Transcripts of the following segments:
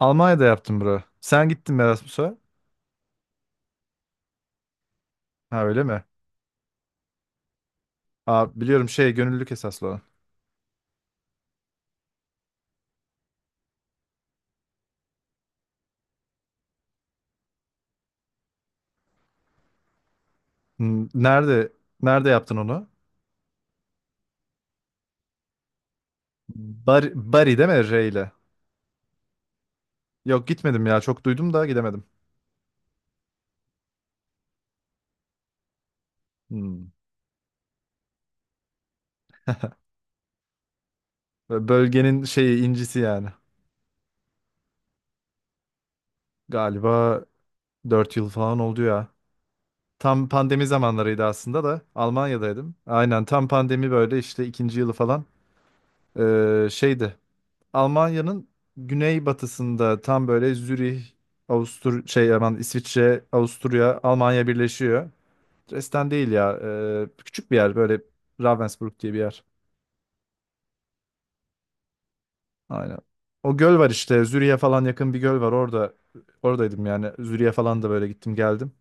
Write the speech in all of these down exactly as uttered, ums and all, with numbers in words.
Almanya'da yaptım bro. Sen gittin mi Erasmus'a? Ha, öyle mi? Aa, biliyorum şey gönüllülük esaslı olan. Hmm. Nerede nerede yaptın onu? Bari, Bari değil mi, R ile? Yok, gitmedim ya, çok duydum da gidemedim. Hmm. Böyle bölgenin şeyi incisi yani. Galiba dört yıl falan oldu ya. Tam pandemi zamanlarıydı aslında da Almanya'daydım. Aynen tam pandemi böyle işte ikinci yılı falan. Ee, şeydi Almanya'nın güneybatısında, tam böyle Zürih, Avustur şey aman İsviçre, Avusturya, Almanya birleşiyor. Dresden değil ya. E, küçük bir yer böyle, Ravensbrück diye bir yer. Aynen. O göl var işte. Zürih'e falan yakın bir göl var. Orada oradaydım yani. Zürih'e falan da böyle gittim geldim.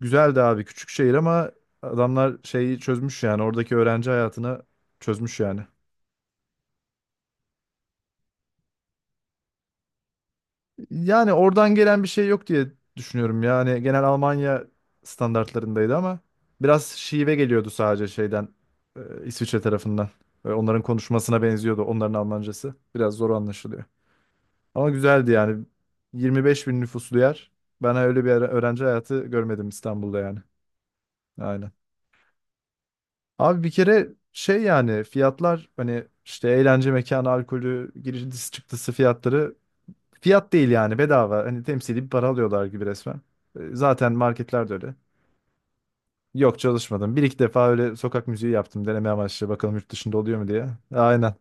Güzeldi abi, küçük şehir ama adamlar şeyi çözmüş yani. Oradaki öğrenci hayatını çözmüş yani. Yani oradan gelen bir şey yok diye düşünüyorum. Yani genel Almanya standartlarındaydı ama biraz şive geliyordu sadece şeyden e, İsviçre tarafından. E, onların konuşmasına benziyordu, onların Almancası. Biraz zor anlaşılıyor. Ama güzeldi yani. yirmi beş bin nüfuslu yer. Ben öyle bir ara- öğrenci hayatı görmedim İstanbul'da yani. Aynen. Abi bir kere şey yani fiyatlar, hani işte eğlence mekanı, alkolü, girişi çıktısı fiyatları, fiyat değil yani, bedava. Hani temsili bir para alıyorlar gibi resmen. E, Zaten marketler de öyle. Yok, çalışmadım. Bir iki defa öyle sokak müziği yaptım deneme amaçlı. Bakalım yurt dışında oluyor mu diye. Aynen.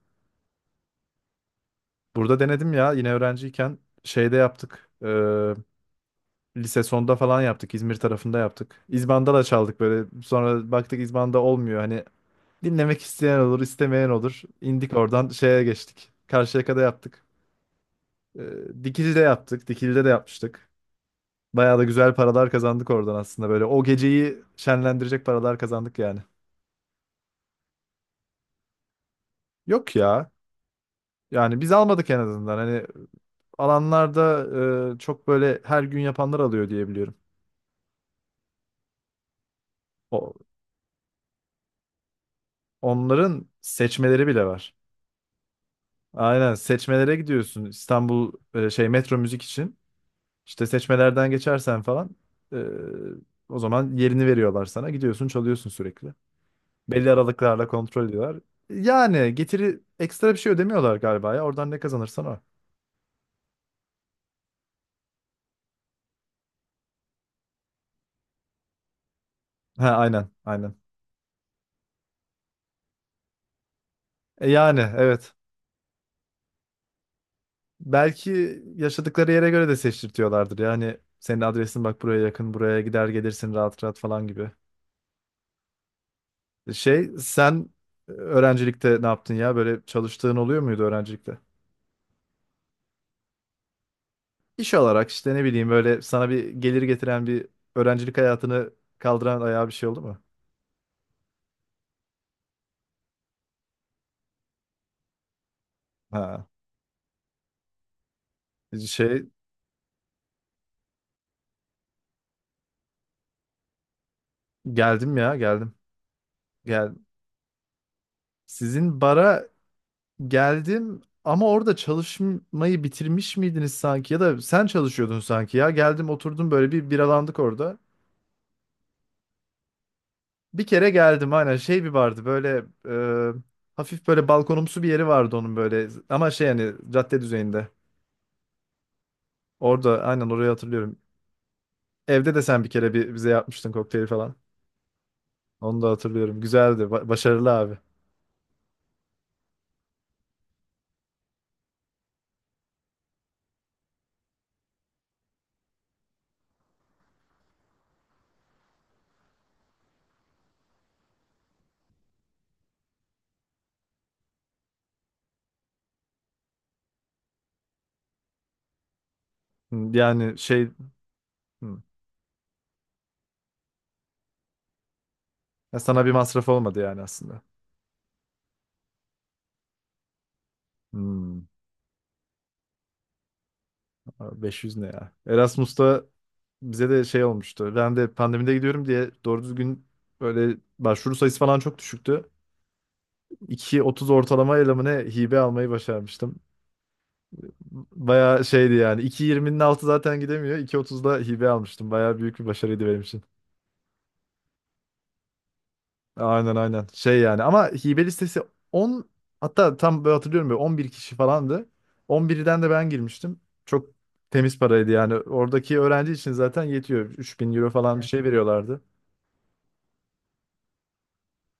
Burada denedim ya, yine öğrenciyken şeyde yaptık. E, lise sonda falan yaptık. İzmir tarafında yaptık. İzbanda da çaldık böyle. Sonra baktık İzbanda olmuyor. Hani dinlemek isteyen olur, istemeyen olur. İndik oradan, şeye geçtik. Karşıyaka'da yaptık. E, Dikili'de yaptık. Dikili'de de yapmıştık. Bayağı da güzel paralar kazandık oradan aslında böyle. O geceyi şenlendirecek paralar kazandık yani. Yok ya. Yani biz almadık en azından. Hani alanlarda e, çok böyle her gün yapanlar alıyor diye biliyorum. O, onların seçmeleri bile var. Aynen seçmelere gidiyorsun, İstanbul e, şey Metro Müzik için. İşte seçmelerden geçersen falan e, o zaman yerini veriyorlar sana. Gidiyorsun, çalıyorsun sürekli. Belli aralıklarla kontrol ediyorlar. Yani getiri, ekstra bir şey ödemiyorlar galiba ya. Oradan ne kazanırsan o. Ha, aynen, aynen. E, yani evet. Belki yaşadıkları yere göre de seçtirtiyorlardır. Yani senin adresin bak buraya yakın, buraya gider gelirsin rahat rahat falan gibi. E, Şey, sen e, öğrencilikte ne yaptın ya? Böyle çalıştığın oluyor muydu öğrencilikte? İş olarak işte ne bileyim böyle, sana bir gelir getiren, bir öğrencilik hayatını kaldıran ayağa bir şey oldu mu? Ha. e, Şey Geldim ya, geldim. Gel. Sizin bara geldim ama orada çalışmayı bitirmiş miydiniz sanki, ya da sen çalışıyordun sanki ya. Geldim, oturdum böyle, bir biralandık orada. Bir kere geldim aynen, şey bir vardı böyle, e, hafif böyle balkonumsu bir yeri vardı onun böyle ama şey yani cadde düzeyinde. Orada aynen, orayı hatırlıyorum. Evde de sen bir kere bir, bize yapmıştın kokteyli falan. Onu da hatırlıyorum. Güzeldi. Ba- başarılı abi. Hmm. Yani şey hmm. Ya sana bir masraf olmadı yani aslında. Hmm. beş yüz ne ya? Erasmus'ta bize de şey olmuştu. Ben de pandemide gidiyorum diye, doğru düzgün böyle başvuru sayısı falan çok düşüktü. iki otuz ortalama ile mi ne hibe almayı başarmıştım. Bayağı şeydi yani. iki yirminin altı zaten gidemiyor. iki otuzda hibe almıştım. Bayağı büyük bir başarıydı benim için. Aynen, aynen. Şey yani, ama hibe listesi on, hatta tam böyle hatırlıyorum böyle on bir kişi falandı. on birden de ben girmiştim. Çok temiz paraydı yani. Oradaki öğrenci için zaten yetiyor. Üç bin euro falan bir, evet, şey veriyorlardı.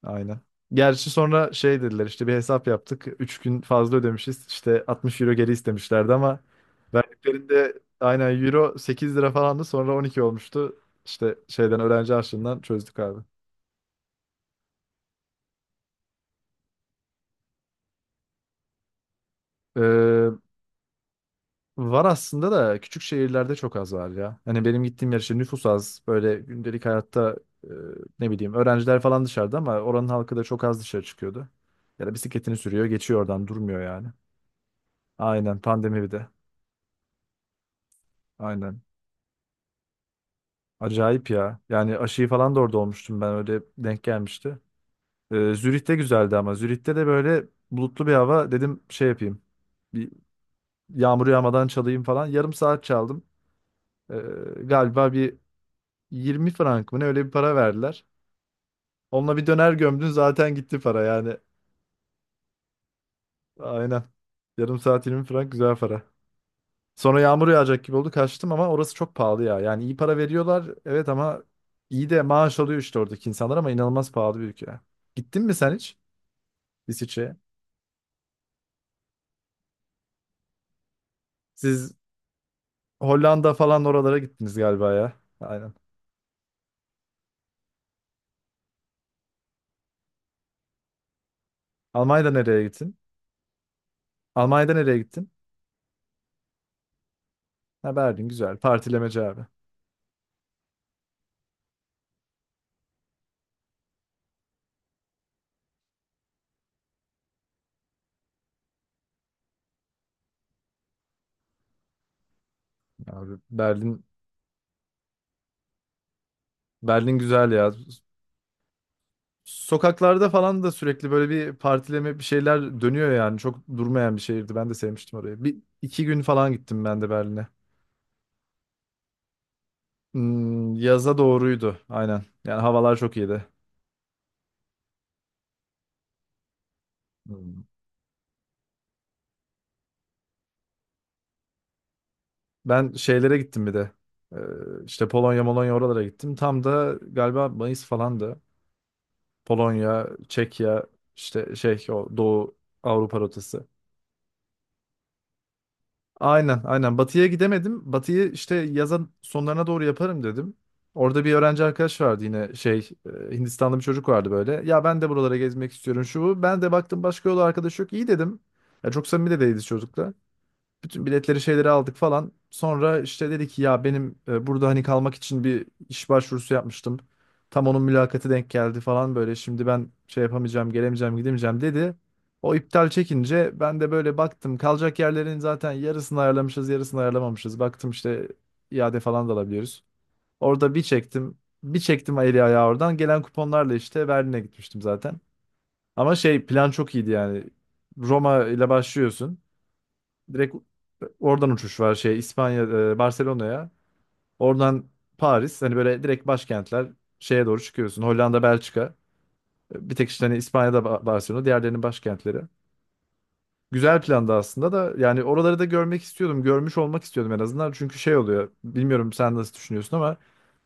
Aynen. Gerçi sonra şey dediler, işte bir hesap yaptık. Üç gün fazla ödemişiz. İşte altmış euro geri istemişlerdi ama verdiklerinde aynen euro sekiz lira falandı, sonra on iki olmuştu. İşte şeyden, öğrenci harçlığından çözdük abi. Ee, Var aslında da, küçük şehirlerde çok az var ya. Hani benim gittiğim yer işte, nüfus az. Böyle gündelik hayatta e, ne bileyim öğrenciler falan dışarıda ama oranın halkı da çok az dışarı çıkıyordu. Ya da bisikletini sürüyor, geçiyor oradan, durmuyor yani. Aynen, pandemi bir de. Aynen. Acayip ya. Yani aşıyı falan da orada olmuştum ben, öyle denk gelmişti. Ee, Zürih'te güzeldi ama Zürih'te de böyle bulutlu bir hava, dedim şey yapayım. Bir yağmur yağmadan çalayım falan. Yarım saat çaldım. Ee, Galiba bir yirmi frank mı ne öyle bir para verdiler. Onunla bir döner gömdün, zaten gitti para yani. Aynen. Yarım saat yirmi frank, güzel para. Sonra yağmur yağacak gibi oldu, kaçtım ama orası çok pahalı ya. Yani iyi para veriyorlar evet, ama iyi de maaş alıyor işte oradaki insanlar, ama inanılmaz pahalı bir ülke. Gittin mi sen hiç? İsviçre. Siz Hollanda falan oralara gittiniz galiba ya. Aynen. Almanya'da nereye gittin? Almanya'da nereye gittin? Ha, Berlin güzel. Partilemeci abi. Abi, Berlin Berlin güzel ya. Sokaklarda falan da sürekli böyle bir partileme, bir şeyler dönüyor yani. Çok durmayan bir şehirdi. Ben de sevmiştim orayı. Bir iki gün falan gittim ben de Berlin'e. Hmm, yaza doğruydu. Aynen. Yani havalar çok iyiydi. Hmm. Ben şeylere gittim bir de. Ee, işte Polonya, Molonya oralara gittim. Tam da galiba Mayıs falandı. Polonya, Çekya, işte şey o Doğu Avrupa rotası. Aynen, aynen. Batı'ya gidemedim. Batı'yı işte yazın sonlarına doğru yaparım dedim. Orada bir öğrenci arkadaş vardı, yine şey e, Hindistanlı bir çocuk vardı böyle. Ya ben de buralara gezmek istiyorum şu bu. Ben de baktım başka yol arkadaş yok. İyi dedim. Ya çok samimi de değiliz çocukla. Bütün biletleri, şeyleri aldık falan. Sonra işte dedi ki, ya benim e, burada hani kalmak için bir iş başvurusu yapmıştım. Tam onun mülakatı denk geldi falan böyle. Şimdi ben şey yapamayacağım, gelemeyeceğim, gidemeyeceğim dedi. O iptal çekince ben de böyle baktım. Kalacak yerlerin zaten yarısını ayarlamışız, yarısını ayarlamamışız. Baktım işte iade falan da alabiliyoruz. Orada bir çektim. Bir çektim eli ayağı oradan. Gelen kuponlarla işte Berlin'e gitmiştim zaten. Ama şey plan çok iyiydi yani. Roma ile başlıyorsun. Direkt oradan uçuş var, şey İspanya e, Barcelona'ya. Oradan Paris, hani böyle direkt başkentler, şeye doğru çıkıyorsun. Hollanda, Belçika. Bir tek işte hani İspanya'da Ba- Barcelona, diğerlerinin başkentleri. Güzel planda aslında da, yani oraları da görmek istiyordum. Görmüş olmak istiyordum en azından. Çünkü şey oluyor. Bilmiyorum sen nasıl düşünüyorsun ama,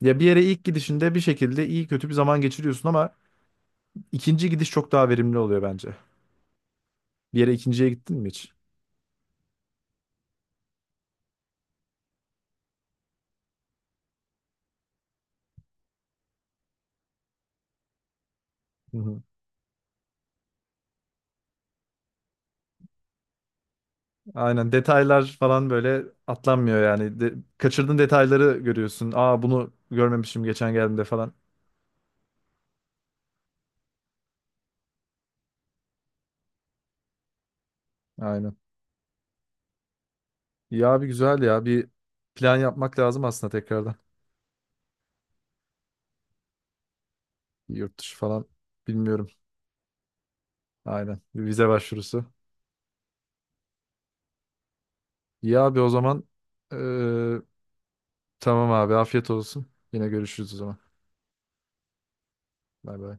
ya bir yere ilk gidişinde bir şekilde iyi kötü bir zaman geçiriyorsun ama ikinci gidiş çok daha verimli oluyor bence. Bir yere ikinciye gittin mi hiç? Aynen, detaylar falan böyle atlanmıyor yani. De- kaçırdığın detayları görüyorsun. Aa, bunu görmemişim geçen geldiğimde falan. Aynen. Ya abi, güzel ya. Bir plan yapmak lazım aslında tekrardan. Bir yurt dışı falan, bilmiyorum. Aynen. Bir vize başvurusu. Ya abi, o zaman eee, tamam abi, afiyet olsun. Yine görüşürüz o zaman. Bay bay.